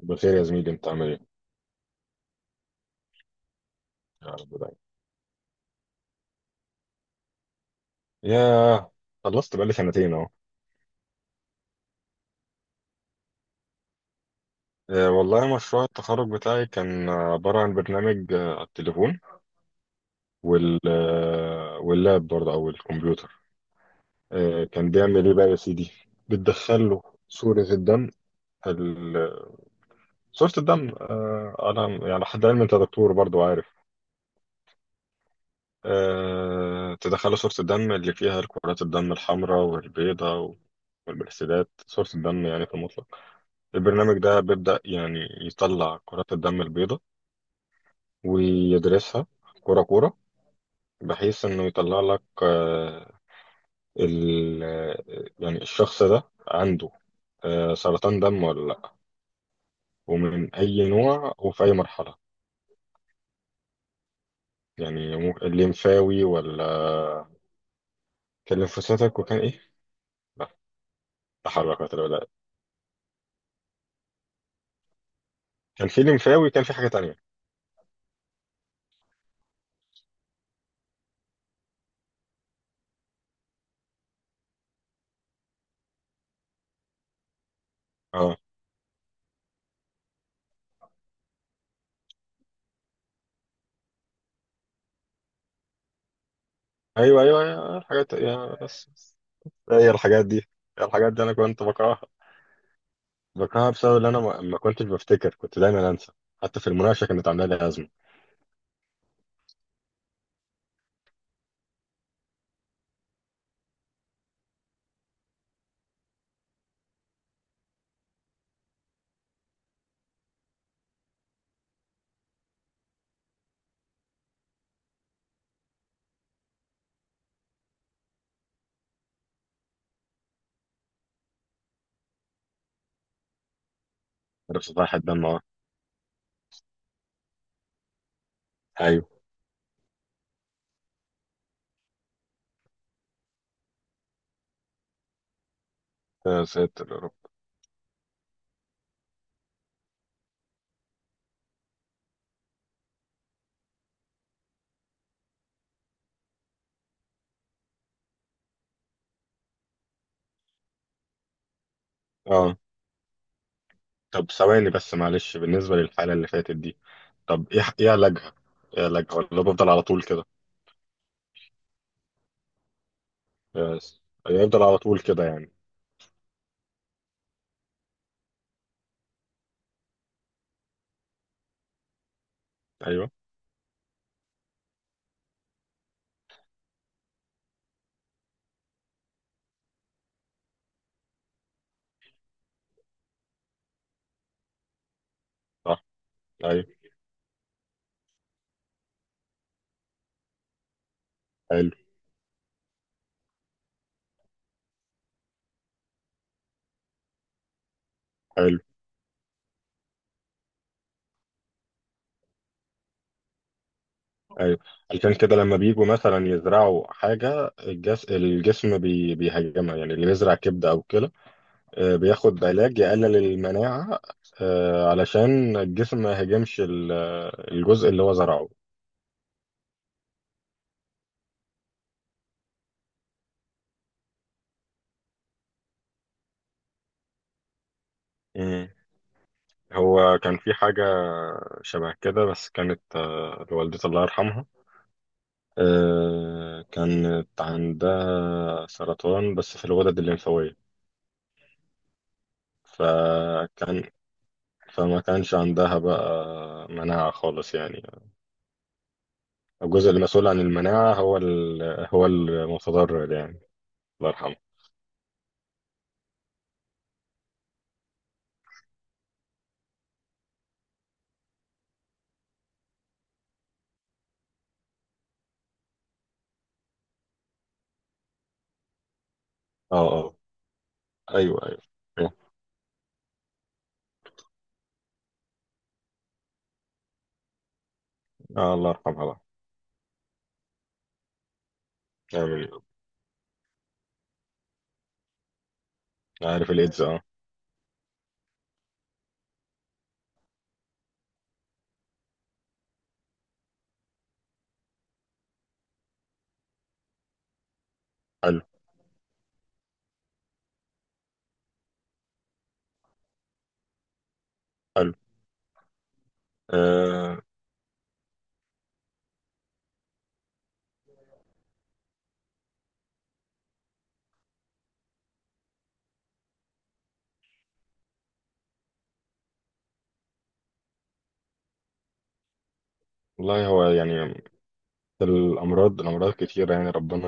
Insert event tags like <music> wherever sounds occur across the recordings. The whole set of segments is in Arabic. بخير يا زميلي، انت عامل ايه؟ يا رب دايما. ياه. خلصت بقالي سنتين اهو. والله مشروع التخرج بتاعي كان عبارة عن برنامج على التليفون. واللاب برضه او الكمبيوتر. كان بيعمل ايه بقى يا سيدي؟ بتدخل له صورة الدم. ال- صورة الدم على يعني حد علم، انت دكتور برضه عارف. تدخل له صورة الدم اللي فيها الكرات الدم الحمراء والبيضاء والبلاستيدات. صورة الدم يعني في المطلق. البرنامج ده بيبدأ يعني يطلع كرات الدم البيضاء ويدرسها كرة كرة، بحيث إنه يطلع لك ال آه، يعني الشخص ده عنده سرطان دم ولا لأ، ومن أي نوع وفي أي مرحلة. يعني الليمفاوي، ولا كان ليمفوسيتك، وكان إيه؟ لا. تحرك ولا كان في ليمفاوي، كان في حاجة تانية. أه، أيوه أيوه أيوه الحاجات، يا بس. هي الحاجات دي، الحاجات دي أنا كنت بكرهها. بكرهها بسبب ان انا ما كنتش بفتكر، كنت دايما انسى. حتى في المناقشه كانت عامله لي ازمه. عارف سطح الدم، اه. ايوه. يا ساتر يا رب. اه. طب ثواني بس، معلش، بالنسبه للحاله اللي فاتت دي، طب ايه علاجها؟ ايه علاجها، ولا بفضل على طول كده؟ يس. يفضل على طول كده يعني. ايوه، صح. ايوه. حلو حلو. ايوه. عشان كده لما بيجوا مثلا يزرعوا حاجه، الجسم بيهاجمها، يعني اللي بيزرع كبده او كلى. بياخد علاج يقلل المناعة علشان الجسم ما يهاجمش الجزء اللي هو زرعه. مم. هو كان في حاجة شبه كده، بس كانت لوالدتي الله يرحمها. كانت عندها سرطان، بس في الغدد الليمفاوية. فكان، فما كانش عندها بقى مناعة خالص يعني. الجزء المسؤول عن المناعة هو هو المتضرر يعني. الله يرحمه. اه اه. ايوه ايوه. آه، الله يرحمها بقى. آمين. عارف الإيدز، آه. حلو. حلو. آه، والله هو يعني الأمراض، الأمراض كتيرة، يعني ربنا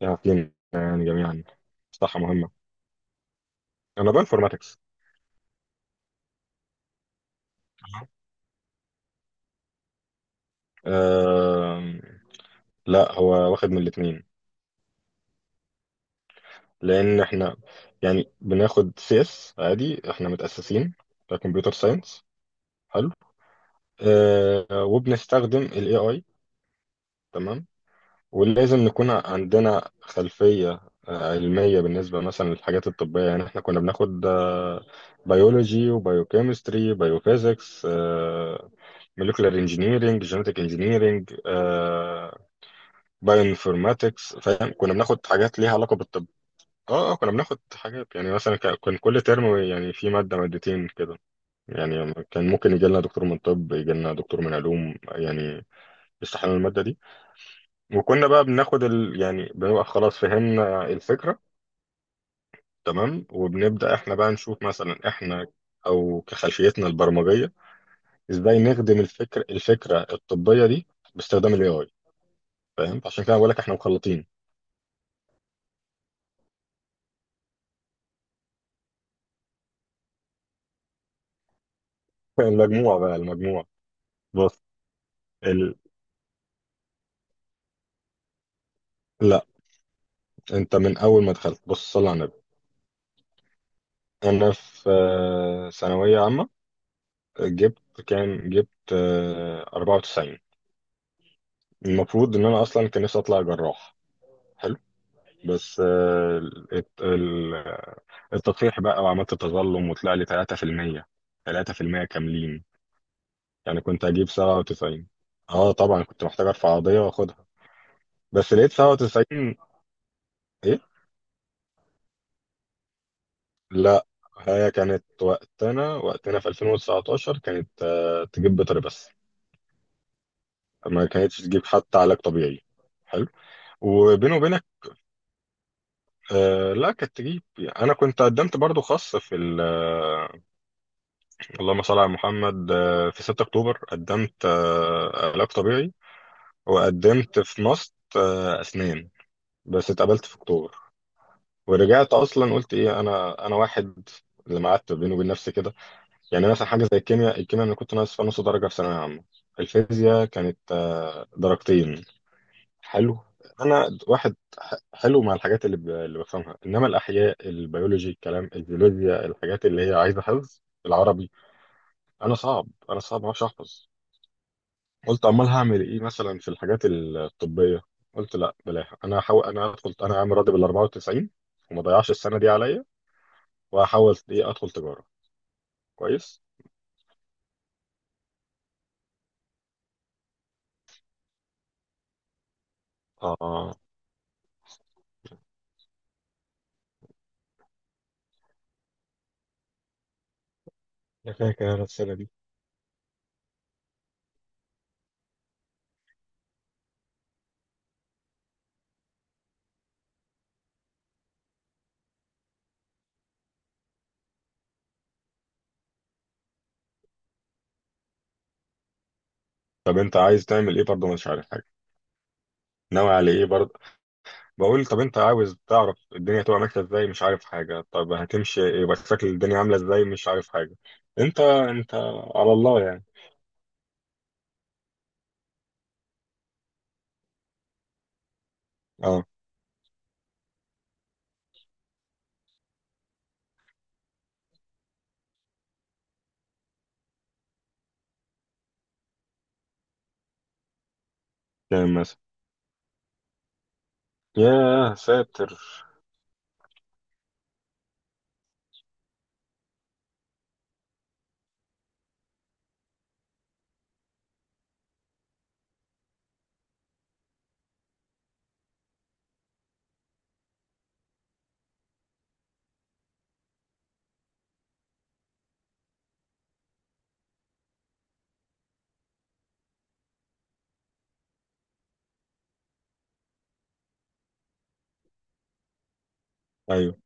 يعافينا يعني جميعا. صحة مهمة. أنا بانفورماتكس. آه، لا، هو واخد من الاتنين. لأن إحنا يعني بناخد CS عادي، إحنا متأسسين كمبيوتر ساينس. حلو. وبنستخدم ال AI. تمام. ولازم نكون عندنا خلفية علمية بالنسبة مثلا للحاجات الطبية. يعني احنا كنا بناخد بيولوجي وبيوكيمستري، بيوفيزيكس، موليكولار انجينيرنج، جينيتك انجينيرنج، بايوانفورماتكس. فاهم؟ كنا بناخد حاجات ليها علاقة بالطب. اه اه. كنا بناخد حاجات يعني مثلا، كان كل ترم يعني في مادة مادتين كده، يعني كان ممكن يجي لنا دكتور من طب، يجي لنا دكتور من علوم، يعني يشرح لنا المادة دي. وكنا بقى بناخد يعني بنبقى خلاص فهمنا الفكرة. تمام. وبنبدأ احنا بقى نشوف مثلا، احنا او كخلفيتنا البرمجية، ازاي نخدم الفكرة الطبية دي باستخدام الاي اي. فاهم؟ عشان كده بقول لك احنا مخلطين. <laughs> المجموعة بقى، المجموعة. بص. ال... لا، انت من اول ما دخلت. بص، صلى على النبي. انا في ثانوية عامة جبت كام؟ جبت 94. المفروض ان انا اصلا كان نفسي اطلع جراح. بس الت- ال- التطفيح بقى وعملت تظلم، وطلع لي 3%. 3% كاملين، يعني كنت هجيب 97. اه، طبعا كنت محتاج ارفع قضية واخدها. بس لقيت 97، ايه. لا، هي كانت وقتنا، وقتنا في 2019 كانت تجيب بيطري بس. ما كانتش تجيب حتى علاج طبيعي. حلو. وبيني وبينك، آه، لا كانت تجيب. انا كنت قدمت برضو خاص في ال، اللهم صل على محمد، في 6 اكتوبر قدمت علاج طبيعي، وقدمت في ماست اسنان. بس اتقبلت في اكتوبر. ورجعت اصلا قلت ايه، انا واحد اللي قعدت بيني وبين نفسي كده. يعني مثلا حاجه زي الكيمياء، الكيمياء انا كنت ناقص فيها نص درجه في ثانويه عامه. الفيزياء كانت درجتين. حلو. انا واحد حلو مع الحاجات اللي بفهمها، انما الاحياء، البيولوجي، الكلام، الجيولوجيا، الحاجات اللي هي عايزه حفظ، العربي، انا صعب، انا صعب ما اعرفش احفظ. قلت، امال هعمل ايه مثلا في الحاجات الطبيه؟ قلت، لا بلاها، انا هحاول انا ادخل، انا عامل راضي بال 94. وما ضيعش السنه دي عليا، وهحاول ايه ادخل تجاره. كويس. اه. انا فاكر انا السنه دي. طب انت عايز تعمل ايه؟ برضه مش عارف حاجه. ناوي على ايه برضه؟ بقول، طب انت عاوز تعرف الدنيا تبقى ماشيه ازاي، مش عارف حاجه. طب هتمشي، يبقى شكل الدنيا عامله ازاي، مش عارف حاجه. انت على الله يعني. اه. كام مثلا؟ يا ساتر. ايوه.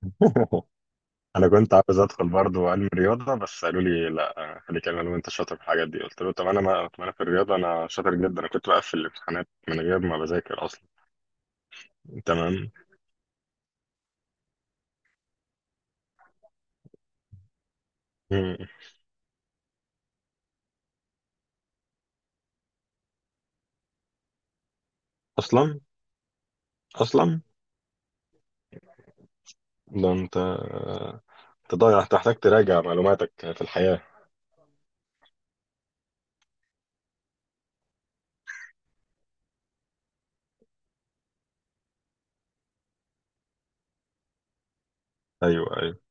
<laughs> انا كنت عاوز ادخل برضه علم رياضه، بس قالوا لي لا، خليك علم وانت شاطر في الحاجات دي. قلت له، طب انا، ما طب انا في الرياضه انا شاطر جدا. انا كنت بقفل الامتحانات من غير ما بذاكر اصلا. تمام. مم. اصلا. اصلا. ده انت، انت ضايع، انت محتاج تراجع معلوماتك في الحياه. ايوه.